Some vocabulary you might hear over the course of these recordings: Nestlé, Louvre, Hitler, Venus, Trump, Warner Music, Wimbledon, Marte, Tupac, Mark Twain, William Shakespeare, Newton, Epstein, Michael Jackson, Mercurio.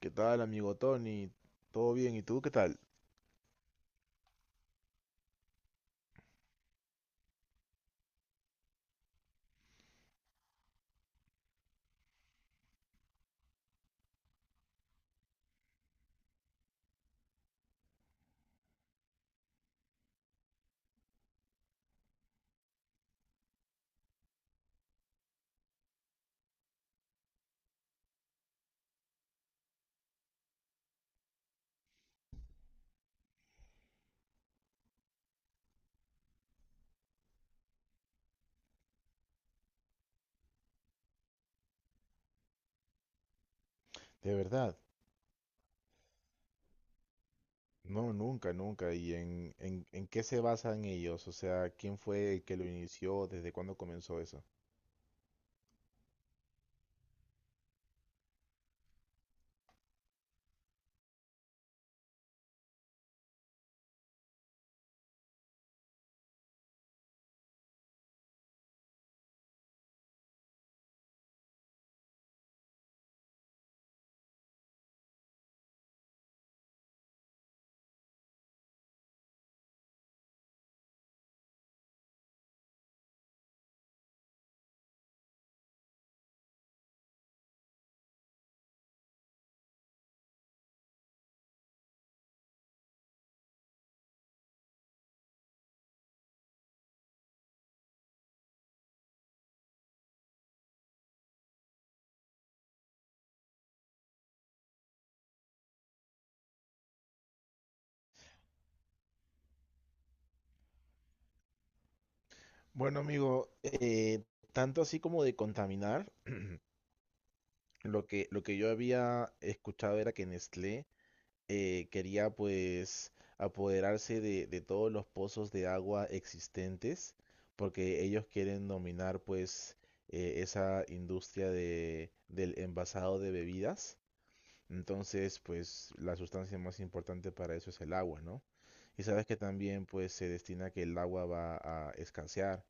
¿Qué tal, amigo Tony? ¿Todo bien? ¿Y tú qué tal? De verdad, no, nunca, nunca. ¿Y en qué se basan ellos? O sea, ¿quién fue el que lo inició? ¿Desde cuándo comenzó eso? Bueno, amigo, tanto así como de contaminar, lo que yo había escuchado era que Nestlé quería pues apoderarse de todos los pozos de agua existentes, porque ellos quieren dominar pues esa industria del envasado de bebidas. Entonces, pues la sustancia más importante para eso es el agua, ¿no? Y sabes que también pues se destina que el agua va a escasear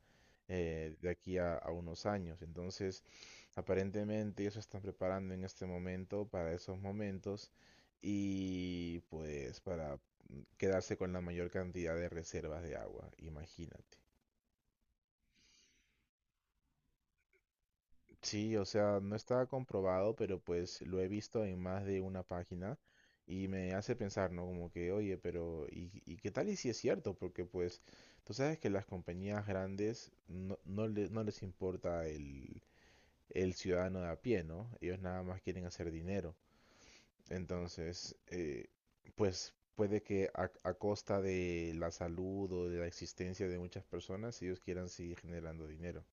de aquí a unos años. Entonces, aparentemente ellos se están preparando en este momento para esos momentos y pues para quedarse con la mayor cantidad de reservas de agua, imagínate. Sí, o sea, no está comprobado, pero pues lo he visto en más de una página y me hace pensar, ¿no? Como que, oye, pero y qué tal y si es cierto? Porque pues tú sabes que las compañías grandes no les importa el, ciudadano de a pie, ¿no? Ellos nada más quieren hacer dinero. Entonces, pues puede que a costa de la salud o de la existencia de muchas personas, ellos quieran seguir generando dinero.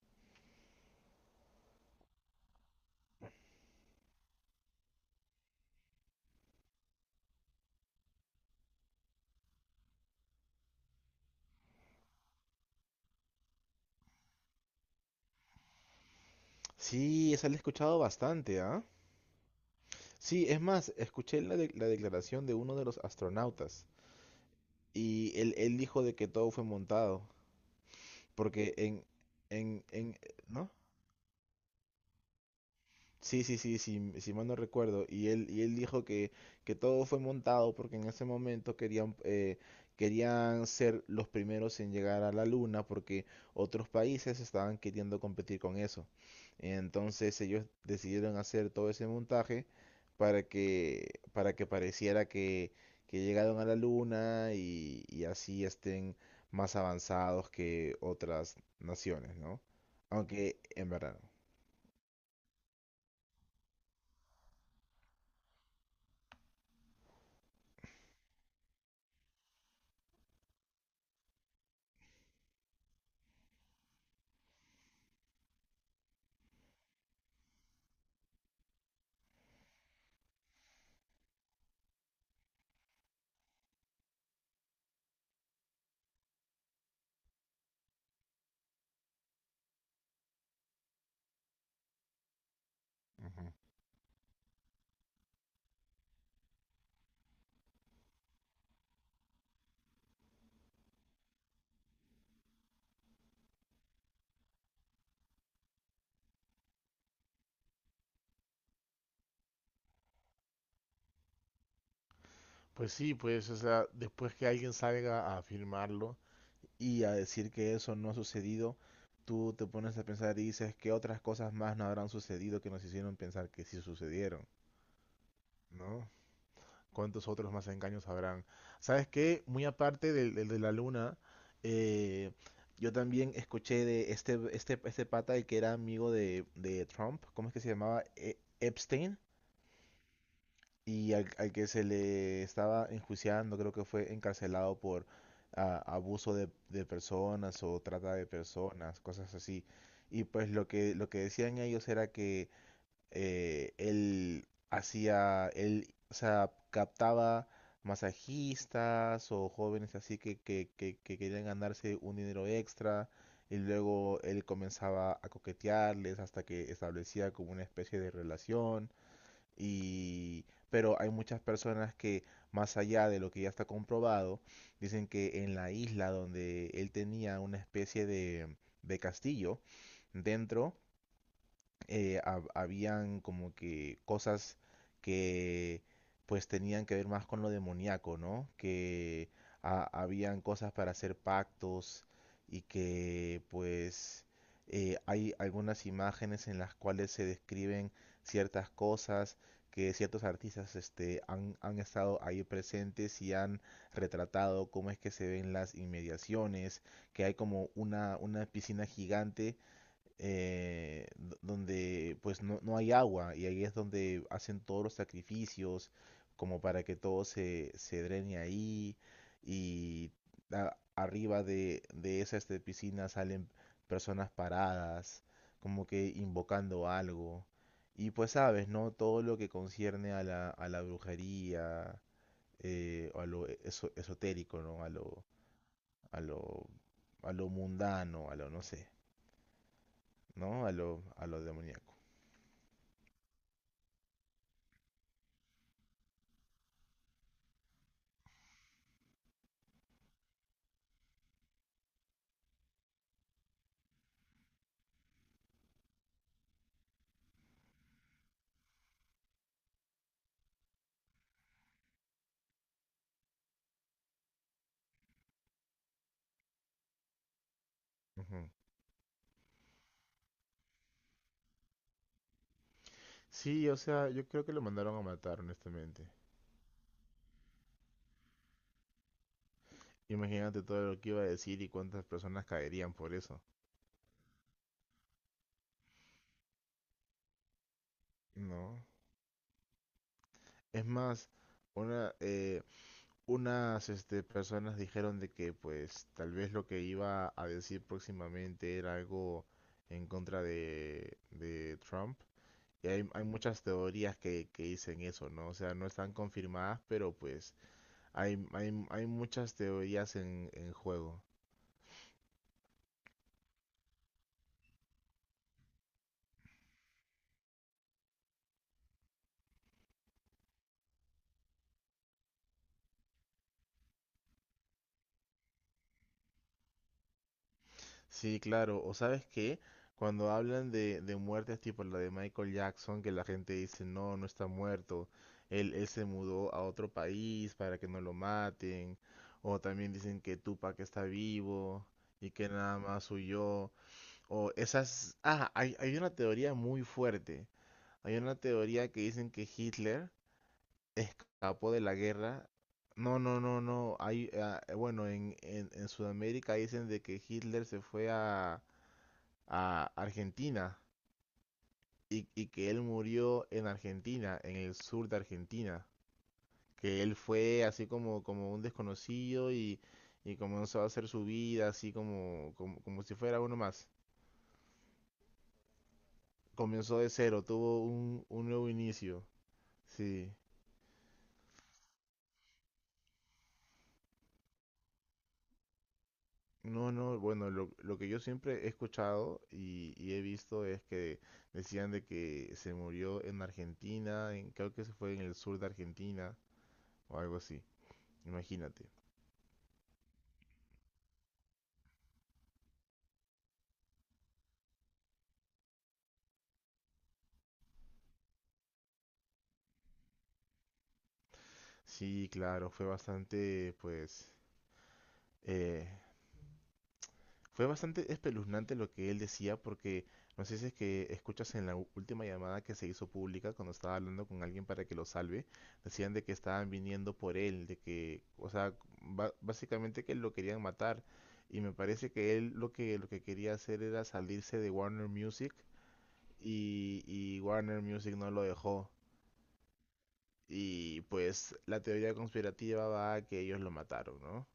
Sí, esa la he escuchado bastante, ¿ah? Sí, es más, escuché la declaración de uno de los astronautas y él dijo de que todo fue montado, porque en, ¿no? Sí, sí, sí, sí, si mal no recuerdo. Y él dijo que, todo fue montado porque en ese momento querían, querían ser los primeros en llegar a la luna porque otros países estaban queriendo competir con eso. Entonces ellos decidieron hacer todo ese montaje para que pareciera que llegaron a la luna y así estén más avanzados que otras naciones, ¿no? Aunque en verdad no. Pues sí, pues, o sea, después que alguien salga a afirmarlo y a decir que eso no ha sucedido, tú te pones a pensar y dices que otras cosas más no habrán sucedido que nos hicieron pensar que sí sucedieron, ¿no? ¿Cuántos otros más engaños habrán? ¿Sabes qué? Muy aparte del de la luna, eh, yo también escuché de este pata el que era amigo de Trump, ¿cómo es que se llamaba? Epstein. Y al que se le estaba enjuiciando, creo que fue encarcelado por abuso de personas o trata de personas, cosas así. Y pues lo que decían ellos era que él hacía, él, o sea, captaba masajistas o jóvenes así que querían ganarse un dinero extra y luego él comenzaba a coquetearles hasta que establecía como una especie de relación y, pero hay muchas personas que, más allá de lo que ya está comprobado, dicen que en la isla donde él tenía una especie de castillo dentro, habían como que cosas que pues tenían que ver más con lo demoníaco, ¿no? Que habían cosas para hacer pactos y que pues hay algunas imágenes en las cuales se describen ciertas cosas que ciertos artistas han estado ahí presentes y han retratado cómo es que se ven las inmediaciones, que hay como una piscina gigante donde pues no hay agua y ahí es donde hacen todos los sacrificios como para que todo se drene ahí y arriba de esa piscina salen personas paradas como que invocando algo y pues sabes, ¿no? Todo lo que concierne a la brujería o a lo esotérico, ¿no? A lo, a lo mundano, a lo no sé, ¿no? A lo demoníaco. Ujú. Sí, o sea, yo creo que lo mandaron a matar, honestamente. Imagínate todo lo que iba a decir y cuántas personas caerían por eso, ¿no? Es más, una, eh, unas personas dijeron de que pues tal vez lo que iba a decir próximamente era algo en contra de Trump. Y hay muchas teorías que dicen eso, ¿no? O sea, no están confirmadas, pero pues hay muchas teorías en juego. Sí, claro. O sabes qué, cuando hablan de muertes tipo la de Michael Jackson, que la gente dice, no, no está muerto, él se mudó a otro país para que no lo maten, o también dicen que Tupac está vivo y que nada más huyó, o esas. Ah, hay una teoría muy fuerte, hay una teoría que dicen que Hitler escapó de la guerra. No, no, no, no, bueno, en Sudamérica dicen de que Hitler se fue a Argentina y que él murió en Argentina, en el sur de Argentina, que él fue así como un desconocido y comenzó a hacer su vida así como si fuera uno más. Comenzó de cero, tuvo un nuevo inicio. Sí. No, no, bueno, lo que yo siempre he escuchado y he visto es que decían de que se murió en Argentina, en, creo que se fue en el sur de Argentina o algo así, imagínate. Sí, claro, eh, fue bastante espeluznante lo que él decía porque no sé si es que escuchas en la última llamada que se hizo pública cuando estaba hablando con alguien para que lo salve, decían de que estaban viniendo por él, de que, o sea, básicamente que lo querían matar y me parece que él lo que quería hacer era salirse de Warner Music y Warner Music no lo dejó y pues la teoría conspirativa va a que ellos lo mataron, ¿no?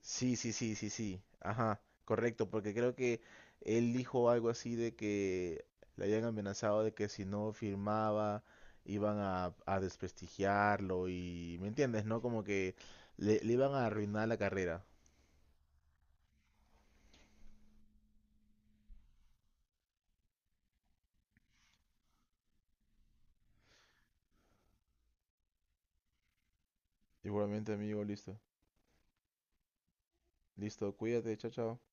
Sí, sí, sí, sí, sí. Ajá, correcto, porque creo que él dijo algo así de que le habían amenazado de que si no firmaba iban a desprestigiarlo y, ¿me entiendes? ¿No? Como que le iban a arruinar la carrera. Igualmente, amigo, listo. Listo, cuídate, chao, chao.